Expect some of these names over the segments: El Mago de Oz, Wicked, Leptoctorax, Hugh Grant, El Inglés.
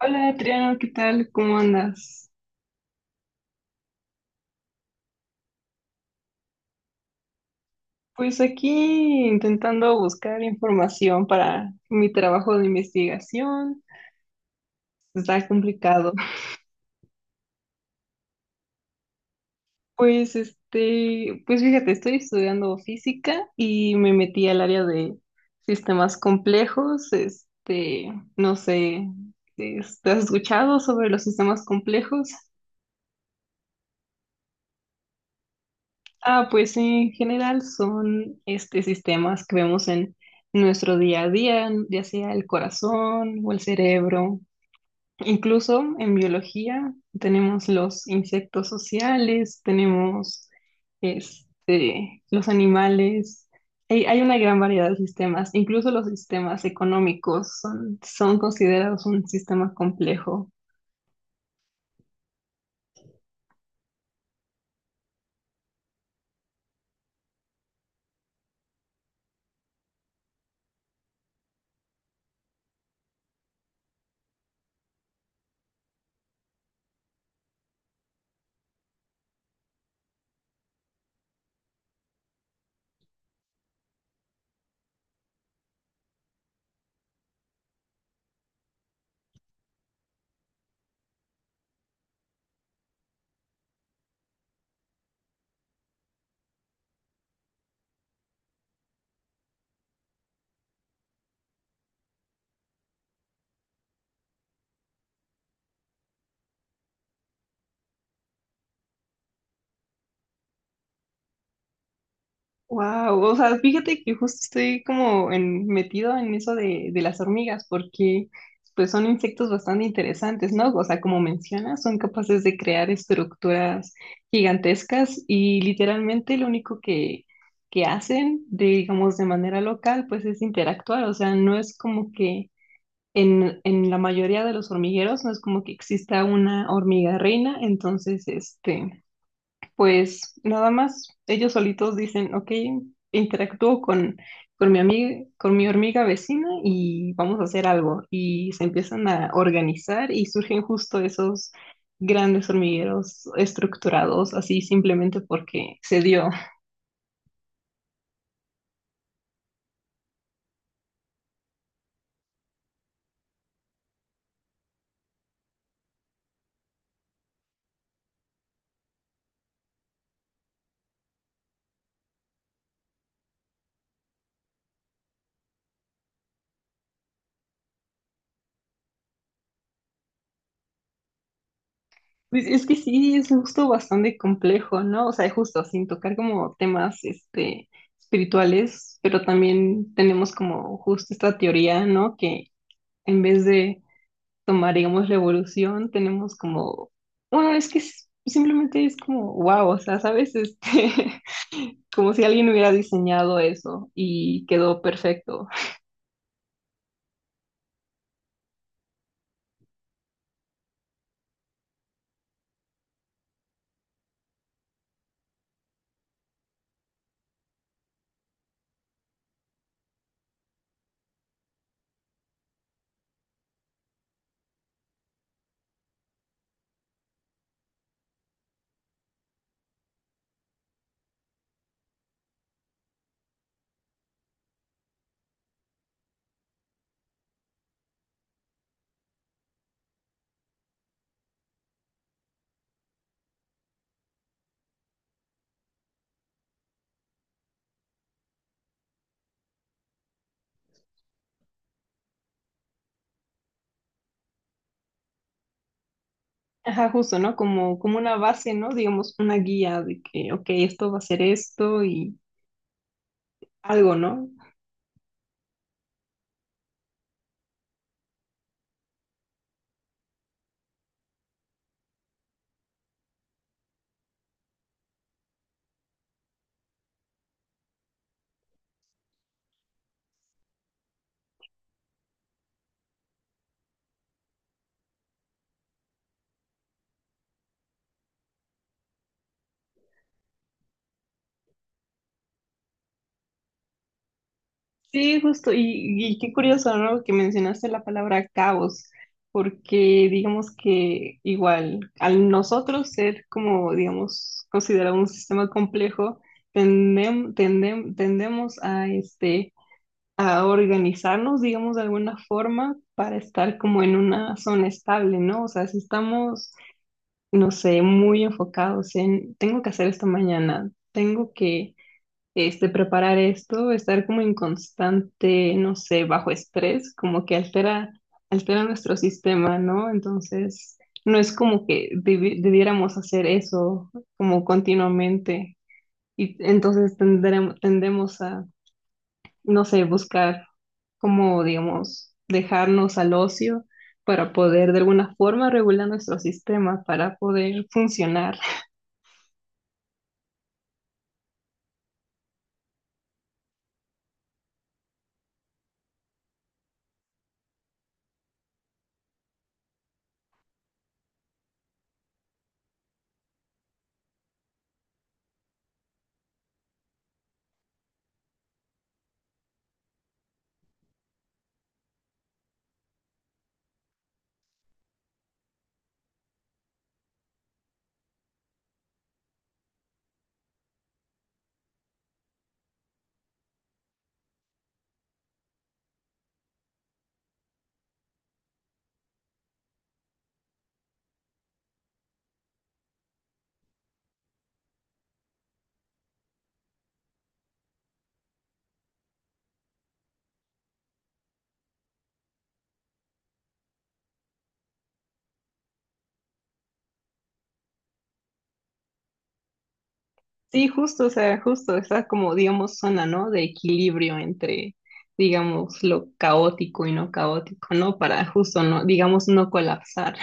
Hola Adriano, ¿qué tal? ¿Cómo andas? Pues aquí intentando buscar información para mi trabajo de investigación. Está complicado. Pues fíjate, estoy estudiando física y me metí al área de sistemas complejos. No sé, ¿te has escuchado sobre los sistemas complejos? Ah, pues sí, en general son sistemas que vemos en nuestro día a día, ya sea el corazón o el cerebro. Incluso en biología tenemos los insectos sociales, tenemos los animales. Hay una gran variedad de sistemas. Incluso los sistemas económicos son considerados un sistema complejo. Wow, o sea, fíjate que justo estoy como metido en eso de las hormigas, porque pues son insectos bastante interesantes, ¿no? O sea, como mencionas, son capaces de crear estructuras gigantescas y literalmente lo único que hacen, digamos, de manera local, pues es interactuar, o sea, no es como que en la mayoría de los hormigueros no es como que exista una hormiga reina, entonces, este... Pues nada más ellos solitos dicen, ok, interactúo con mi amiga, con mi hormiga vecina, y vamos a hacer algo. Y se empiezan a organizar y surgen justo esos grandes hormigueros estructurados, así simplemente porque se dio. Pues es que sí, es justo bastante complejo, ¿no? O sea, justo sin tocar como temas, espirituales, pero también tenemos como justo esta teoría, ¿no? Que en vez de tomaríamos la evolución, tenemos como, bueno, es que simplemente es como, wow, o sea, ¿sabes? Como si alguien hubiera diseñado eso y quedó perfecto. Ajá, justo, ¿no? Como, como una base, ¿no? Digamos, una guía de que, ok, esto va a ser esto y algo, ¿no? Sí, justo, y qué curioso, ¿no? Que mencionaste la palabra caos, porque digamos que igual, al nosotros ser como, digamos, considerado un sistema complejo, tendemos a, a organizarnos, digamos, de alguna forma para estar como en una zona estable, ¿no? O sea, si estamos, no sé, muy enfocados en, tengo que hacer esto mañana, tengo que preparar esto, estar como en constante, no sé, bajo estrés, como que altera nuestro sistema, ¿no? Entonces, no es como que debiéramos hacer eso como continuamente y entonces tendemos a, no sé, buscar como, digamos, dejarnos al ocio para poder de alguna forma regular nuestro sistema, para poder funcionar. Sí, justo, o sea, justo, está como, digamos, zona, ¿no? De equilibrio entre, digamos, lo caótico y no caótico, ¿no? Para justo, no, digamos, no colapsar.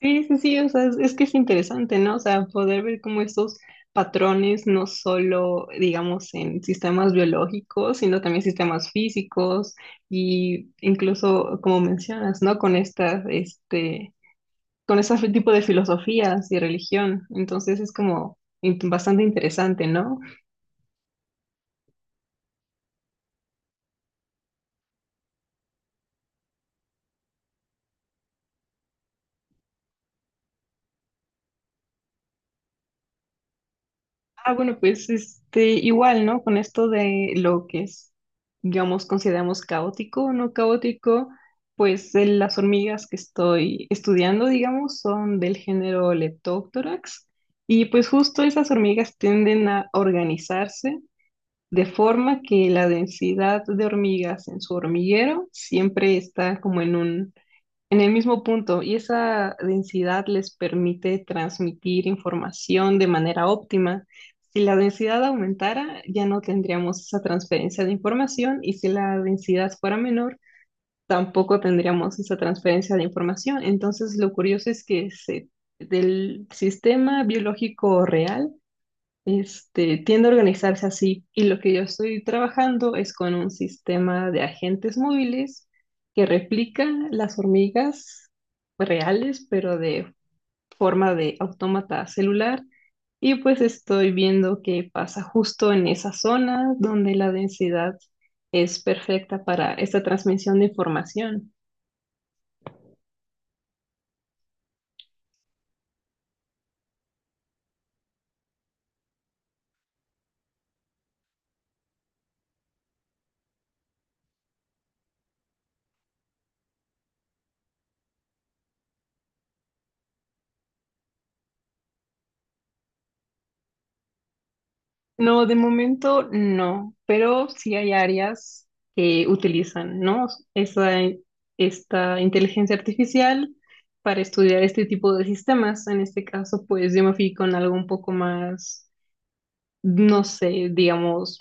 Sí, sí, sí, o sea, es que es interesante, ¿no? O sea, poder ver como estos patrones, no solo, digamos, en sistemas biológicos, sino también sistemas físicos y incluso, como mencionas, ¿no? Con estas, este... con ese tipo de filosofías y religión. Entonces es como bastante interesante, ¿no? Ah, bueno, pues este, igual, ¿no? Con esto de lo que es, digamos, consideramos caótico o no caótico, pues de las hormigas que estoy estudiando, digamos, son del género Leptoctorax. Y pues justo esas hormigas tienden a organizarse de forma que la densidad de hormigas en su hormiguero siempre está como en un En el mismo punto, y esa densidad les permite transmitir información de manera óptima. Si la densidad aumentara, ya no tendríamos esa transferencia de información, y si la densidad fuera menor, tampoco tendríamos esa transferencia de información. Entonces, lo curioso es que del sistema biológico real tiende a organizarse así, y lo que yo estoy trabajando es con un sistema de agentes móviles que replica las hormigas reales, pero de forma de autómata celular. Y pues estoy viendo qué pasa justo en esa zona donde la densidad es perfecta para esta transmisión de información. No, de momento no, pero sí hay áreas que utilizan, ¿no? Esa, esta inteligencia artificial para estudiar este tipo de sistemas. En este caso, pues yo me fui con algo un poco más, no sé, digamos,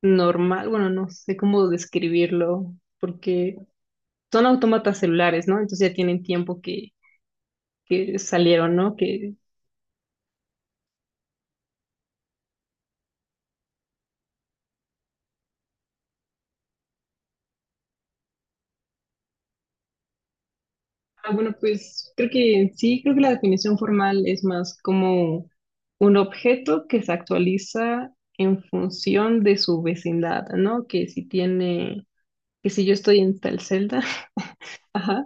normal. Bueno, no sé cómo describirlo, porque son autómatas celulares, ¿no? Entonces ya tienen tiempo que salieron, ¿no? Que ah, bueno, pues creo que sí, creo que la definición formal es más como un objeto que se actualiza en función de su vecindad, ¿no? Que si tiene, que si yo estoy en tal celda, ajá.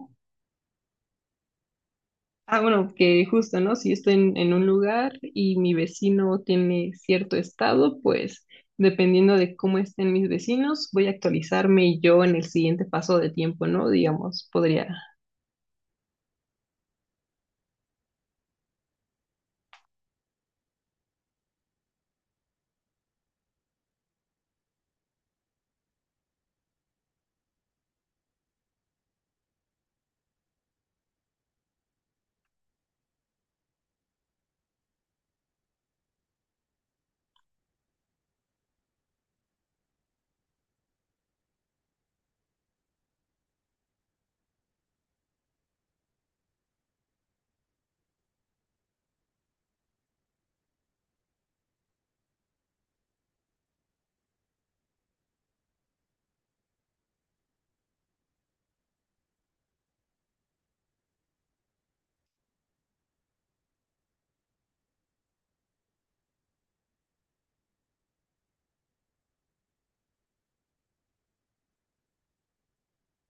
Ah, bueno, que justo, ¿no? Si yo estoy en un lugar y mi vecino tiene cierto estado, pues dependiendo de cómo estén mis vecinos, voy a actualizarme yo en el siguiente paso de tiempo, ¿no? Digamos, podría.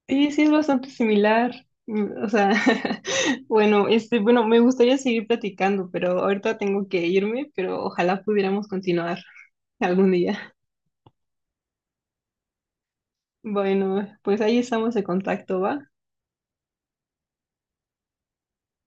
Sí, sí, es bastante similar. Mm, o sea, bueno, este, bueno, me gustaría seguir platicando, pero ahorita tengo que irme, pero ojalá pudiéramos continuar algún día. Bueno, pues ahí estamos en contacto, ¿va?